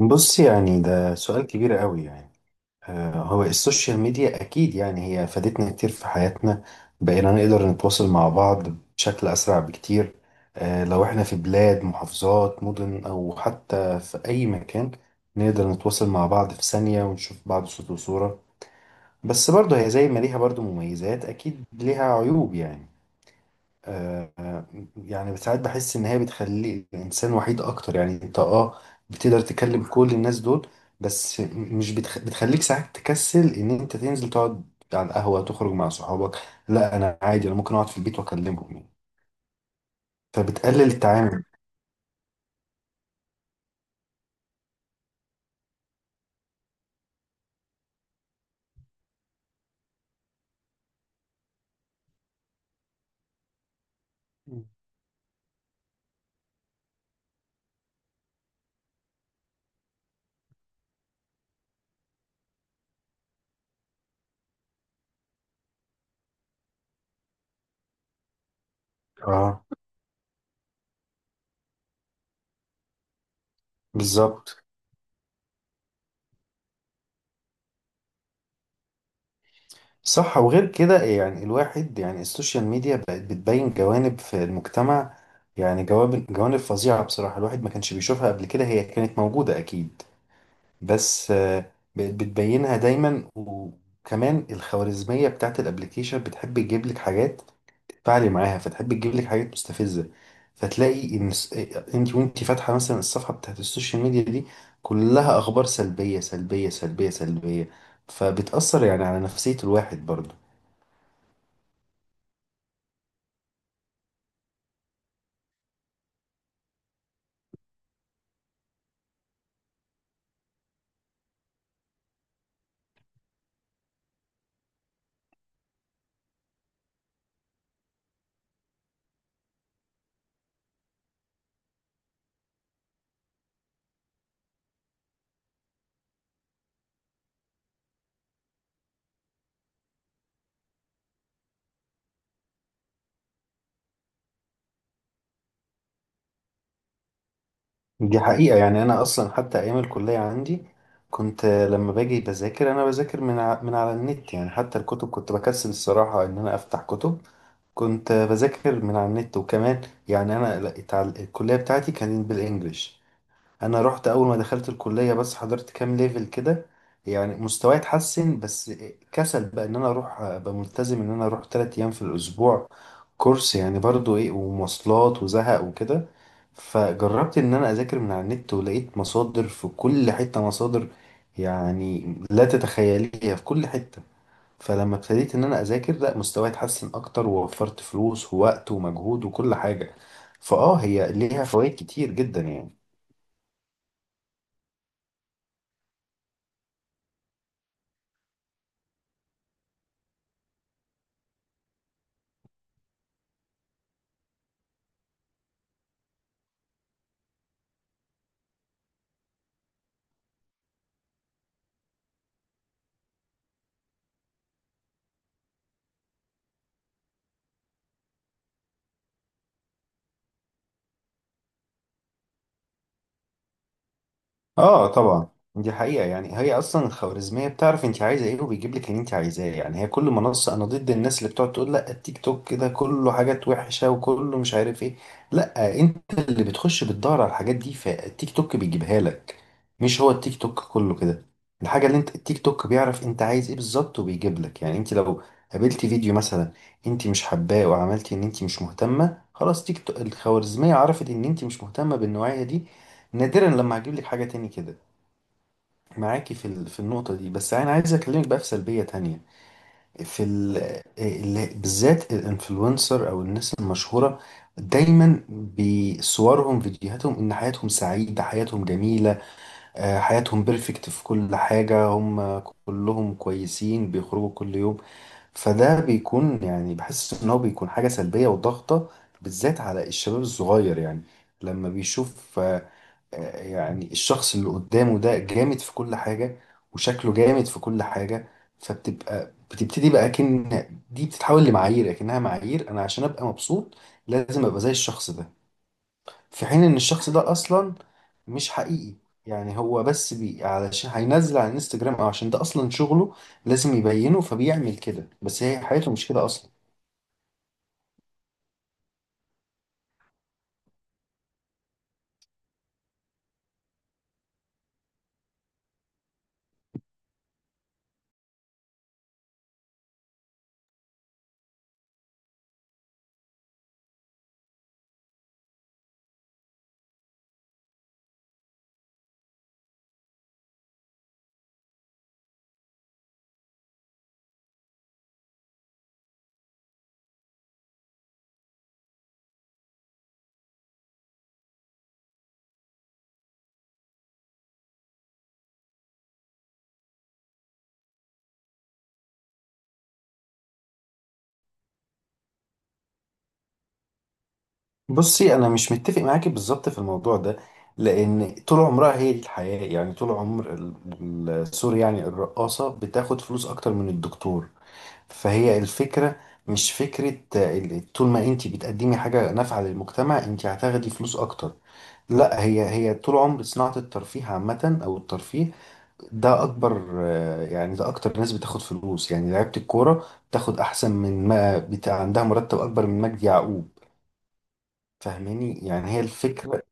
بص يعني ده سؤال كبير قوي يعني. هو السوشيال ميديا أكيد يعني هي فادتنا كتير في حياتنا. بقينا نقدر نتواصل مع بعض بشكل أسرع بكتير. لو إحنا في بلاد محافظات مدن أو حتى في أي مكان، نقدر نتواصل مع بعض في ثانية ونشوف بعض صوت وصورة. بس برضه هي زي ما ليها برضه مميزات أكيد ليها عيوب يعني. آه، آه، يعني ساعات بحس ان هي بتخلي الانسان وحيد اكتر. يعني انت بتقدر تكلم كل الناس دول، بس مش بتخليك ساعات تكسل ان انت تنزل تقعد على القهوة تخرج مع صحابك. لا انا عادي، انا ممكن اقعد في البيت واكلمهم يعني، فبتقلل التعامل. اه، بالظبط. صح، وغير كده يعني الواحد يعني السوشيال ميديا بقت بتبين جوانب في المجتمع. يعني جوانب فظيعة بصراحة الواحد ما كانش بيشوفها قبل كده، هي كانت موجودة اكيد، بس بقت بتبينها دايما. وكمان الخوارزمية بتاعت الابليكيشن بتحب تجيب لك حاجات تتفاعلي معاها، فتحب تجيب لك حاجات مستفزة. فتلاقي ان انت وانت فاتحة مثلا الصفحة بتاعت السوشيال ميديا دي كلها اخبار سلبية سلبية سلبية سلبية، فبتأثر يعني على نفسية الواحد برضه. دي حقيقة، يعني انا اصلا حتى ايام الكلية عندي كنت، لما باجي بذاكر انا بذاكر من على النت. يعني حتى الكتب كنت بكسل الصراحة ان انا افتح كتب، كنت بذاكر من على النت. وكمان يعني انا لا- اتع- الكليه بتاعتي كانت بالانجلش. انا رحت اول ما دخلت الكليه، بس حضرت كام ليفل كده، يعني مستواي اتحسن. بس كسل بقى ان انا اروح ابقى ملتزم ان انا اروح تلات ايام في الاسبوع كورس، يعني برضو ايه ومواصلات وزهق وكده. فجربت ان انا اذاكر من على النت، ولقيت مصادر في كل حته، مصادر يعني لا تتخيليها، في كل حته. فلما ابتديت ان انا اذاكر، لا مستواي اتحسن اكتر ووفرت فلوس ووقت ومجهود وكل حاجه. فاه هي ليها فوائد كتير جدا يعني. اه طبعا. دي حقيقة، يعني هي اصلا الخوارزمية بتعرف انت عايزة ايه وبيجيب لك اللي انت عايزاه. يعني هي كل منصة، انا ضد الناس اللي بتقعد تقول لا التيك توك كده كله حاجات وحشة وكله مش عارف ايه. لا، انت اللي بتخش بتدور على الحاجات دي فالتيك توك بيجيبها لك، مش هو التيك توك كله كده. الحاجة اللي انت، التيك توك بيعرف انت عايز ايه بالظبط وبيجيب لك. يعني انت لو قابلتي فيديو مثلا انت مش حباه وعملتي ان انت مش مهتمة، خلاص تيك توك الخوارزمية عرفت ان انت مش مهتمة بالنوعية دي، نادرا لما هجيب لك حاجة تاني كده. معاكي في في النقطة دي، بس أنا عايز أكلمك بقى في سلبية تانية. في ال آه، ال بالذات الانفلونسر أو الناس المشهورة، دايما بصورهم فيديوهاتهم إن حياتهم سعيدة حياتهم جميلة، حياتهم بيرفكت في كل حاجة. هم كلهم كويسين بيخرجوا كل يوم. فده بيكون يعني بحس إن هو بيكون حاجة سلبية وضغطة، بالذات على الشباب الصغير. يعني لما بيشوف، يعني الشخص اللي قدامه ده جامد في كل حاجة وشكله جامد في كل حاجة، بتبتدي بقى كأن دي بتتحول لمعايير، كأنها معايير أنا عشان أبقى مبسوط لازم أبقى زي الشخص ده. في حين إن الشخص ده أصلا مش حقيقي. يعني هو بس بي علشان هينزل على الانستجرام، أو عشان ده أصلا شغله لازم يبينه، فبيعمل كده بس هي حياته مش كده أصلا. بصي انا مش متفق معاكي بالظبط في الموضوع ده، لان طول عمرها هي دي الحياه. يعني طول عمر سوري، يعني الرقاصه بتاخد فلوس اكتر من الدكتور. فهي الفكره مش فكره طول ما انت بتقدمي حاجه نافعه للمجتمع انت هتاخدي فلوس اكتر، لا. هي هي طول عمر صناعه الترفيه عامه، او الترفيه ده اكبر يعني ده اكتر ناس بتاخد فلوس. يعني لعيبه الكوره بتاخد احسن من، ما بتاع عندها مرتب اكبر من مجدي يعقوب. فاهماني يعني، هي الفكرة.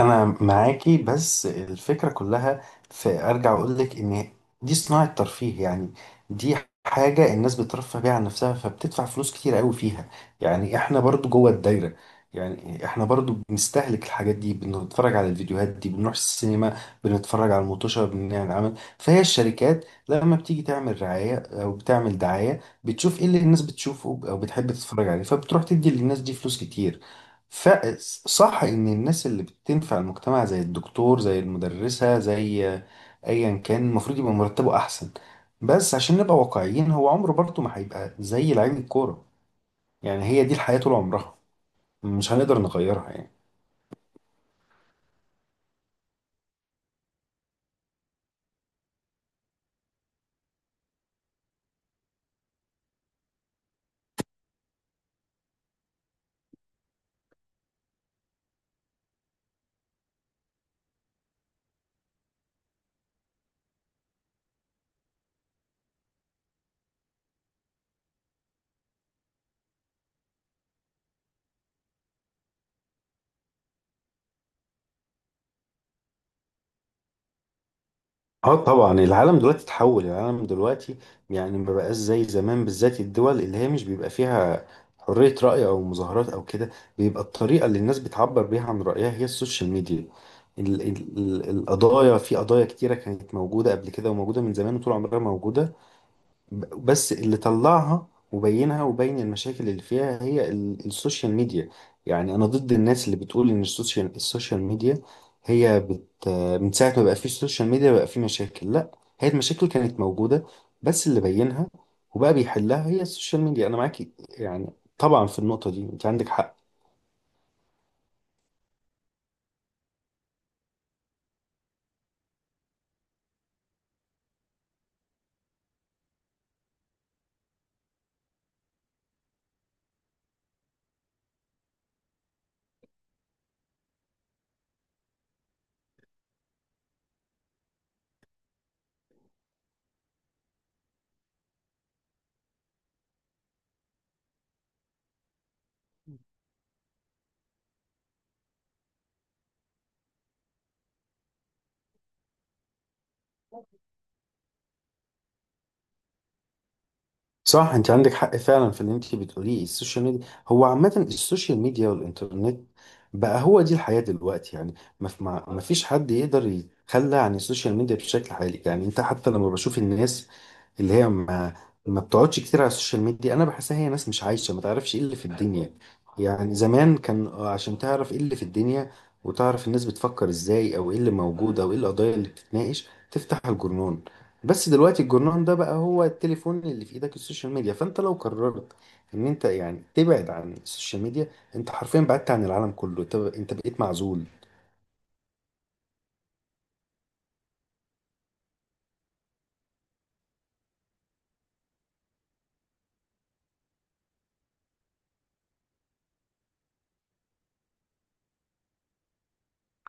انا معاكي بس الفكره كلها في، ارجع اقول لك ان دي صناعه ترفيه يعني. دي حاجه الناس بترفه بيها عن نفسها فبتدفع فلوس كتير قوي فيها. يعني احنا برضو جوه الدايره، يعني احنا برضو بنستهلك الحاجات دي، بنتفرج على الفيديوهات دي، بنروح السينما، بنتفرج على المطوشه، بنعمل عمل. فهي الشركات لما بتيجي تعمل رعايه او بتعمل دعايه بتشوف ايه اللي الناس بتشوفه او بتحب تتفرج عليه، فبتروح تدي للناس دي فلوس كتير. فصح ان الناس اللي بتنفع المجتمع زي الدكتور زي المدرسة زي ايا كان المفروض يبقى مرتبه احسن، بس عشان نبقى واقعيين هو عمره برضه ما هيبقى زي لعيب الكورة. يعني هي دي الحياة طول عمرها، مش هنقدر نغيرها يعني. اه طبعا. العالم دلوقتي اتحول، العالم دلوقتي يعني ما بقاش زي زمان. بالذات الدول اللي هي مش بيبقى فيها حرية رأي أو مظاهرات أو كده، بيبقى الطريقة اللي الناس بتعبر بيها عن رأيها هي السوشيال ميديا. ال ال ال القضايا، في قضايا كتيرة كانت موجودة قبل كده وموجودة من زمان وطول عمرها موجودة، بس اللي طلعها وبينها وبين المشاكل اللي فيها هي ال السوشيال ميديا. يعني أنا ضد الناس اللي بتقول إن السوشيال ميديا هي، من ساعة ما بقى فيه السوشيال ميديا بقى فيه مشاكل، لا. هي المشاكل كانت موجودة، بس اللي بينها وبقى بيحلها هي السوشيال ميديا. أنا معاكي يعني، طبعا في النقطة دي أنت عندك حق. صح، انت عندك حق فعلا في اللي انت بتقوليه. السوشيال ميديا هو عامة السوشيال ميديا والانترنت بقى هو دي الحياة دلوقتي يعني. ما في- ما ما فيش حد يقدر يتخلى عن السوشيال ميديا بشكل حالي. يعني انت حتى لما بشوف الناس اللي هي ما بتقعدش كتير على السوشيال ميديا، انا بحسها هي ناس مش عايشة، ما تعرفش ايه اللي في الدنيا. يعني زمان كان عشان تعرف ايه اللي في الدنيا وتعرف الناس بتفكر ازاي او ايه اللي موجود او ايه القضايا اللي بتتناقش تفتح الجرنان، بس دلوقتي الجرنان ده بقى هو التليفون اللي في ايدك، السوشيال ميديا. فانت لو قررت ان انت يعني تبعد عن السوشيال ميديا، انت حرفيا بعدت عن العالم كله، انت بقيت معزول.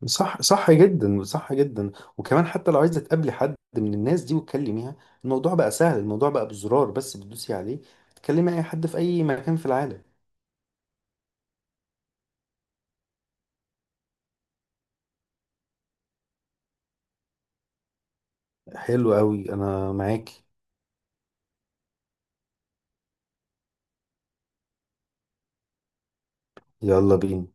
صح، صح جدا، صح جدا. وكمان حتى لو عايزه تقابلي حد من الناس دي وتكلميها، الموضوع بقى سهل، الموضوع بقى بزرار بس بتدوسي عليه، تكلمي اي حد في اي مكان في العالم. حلو قوي، انا معاك. يلا بينا.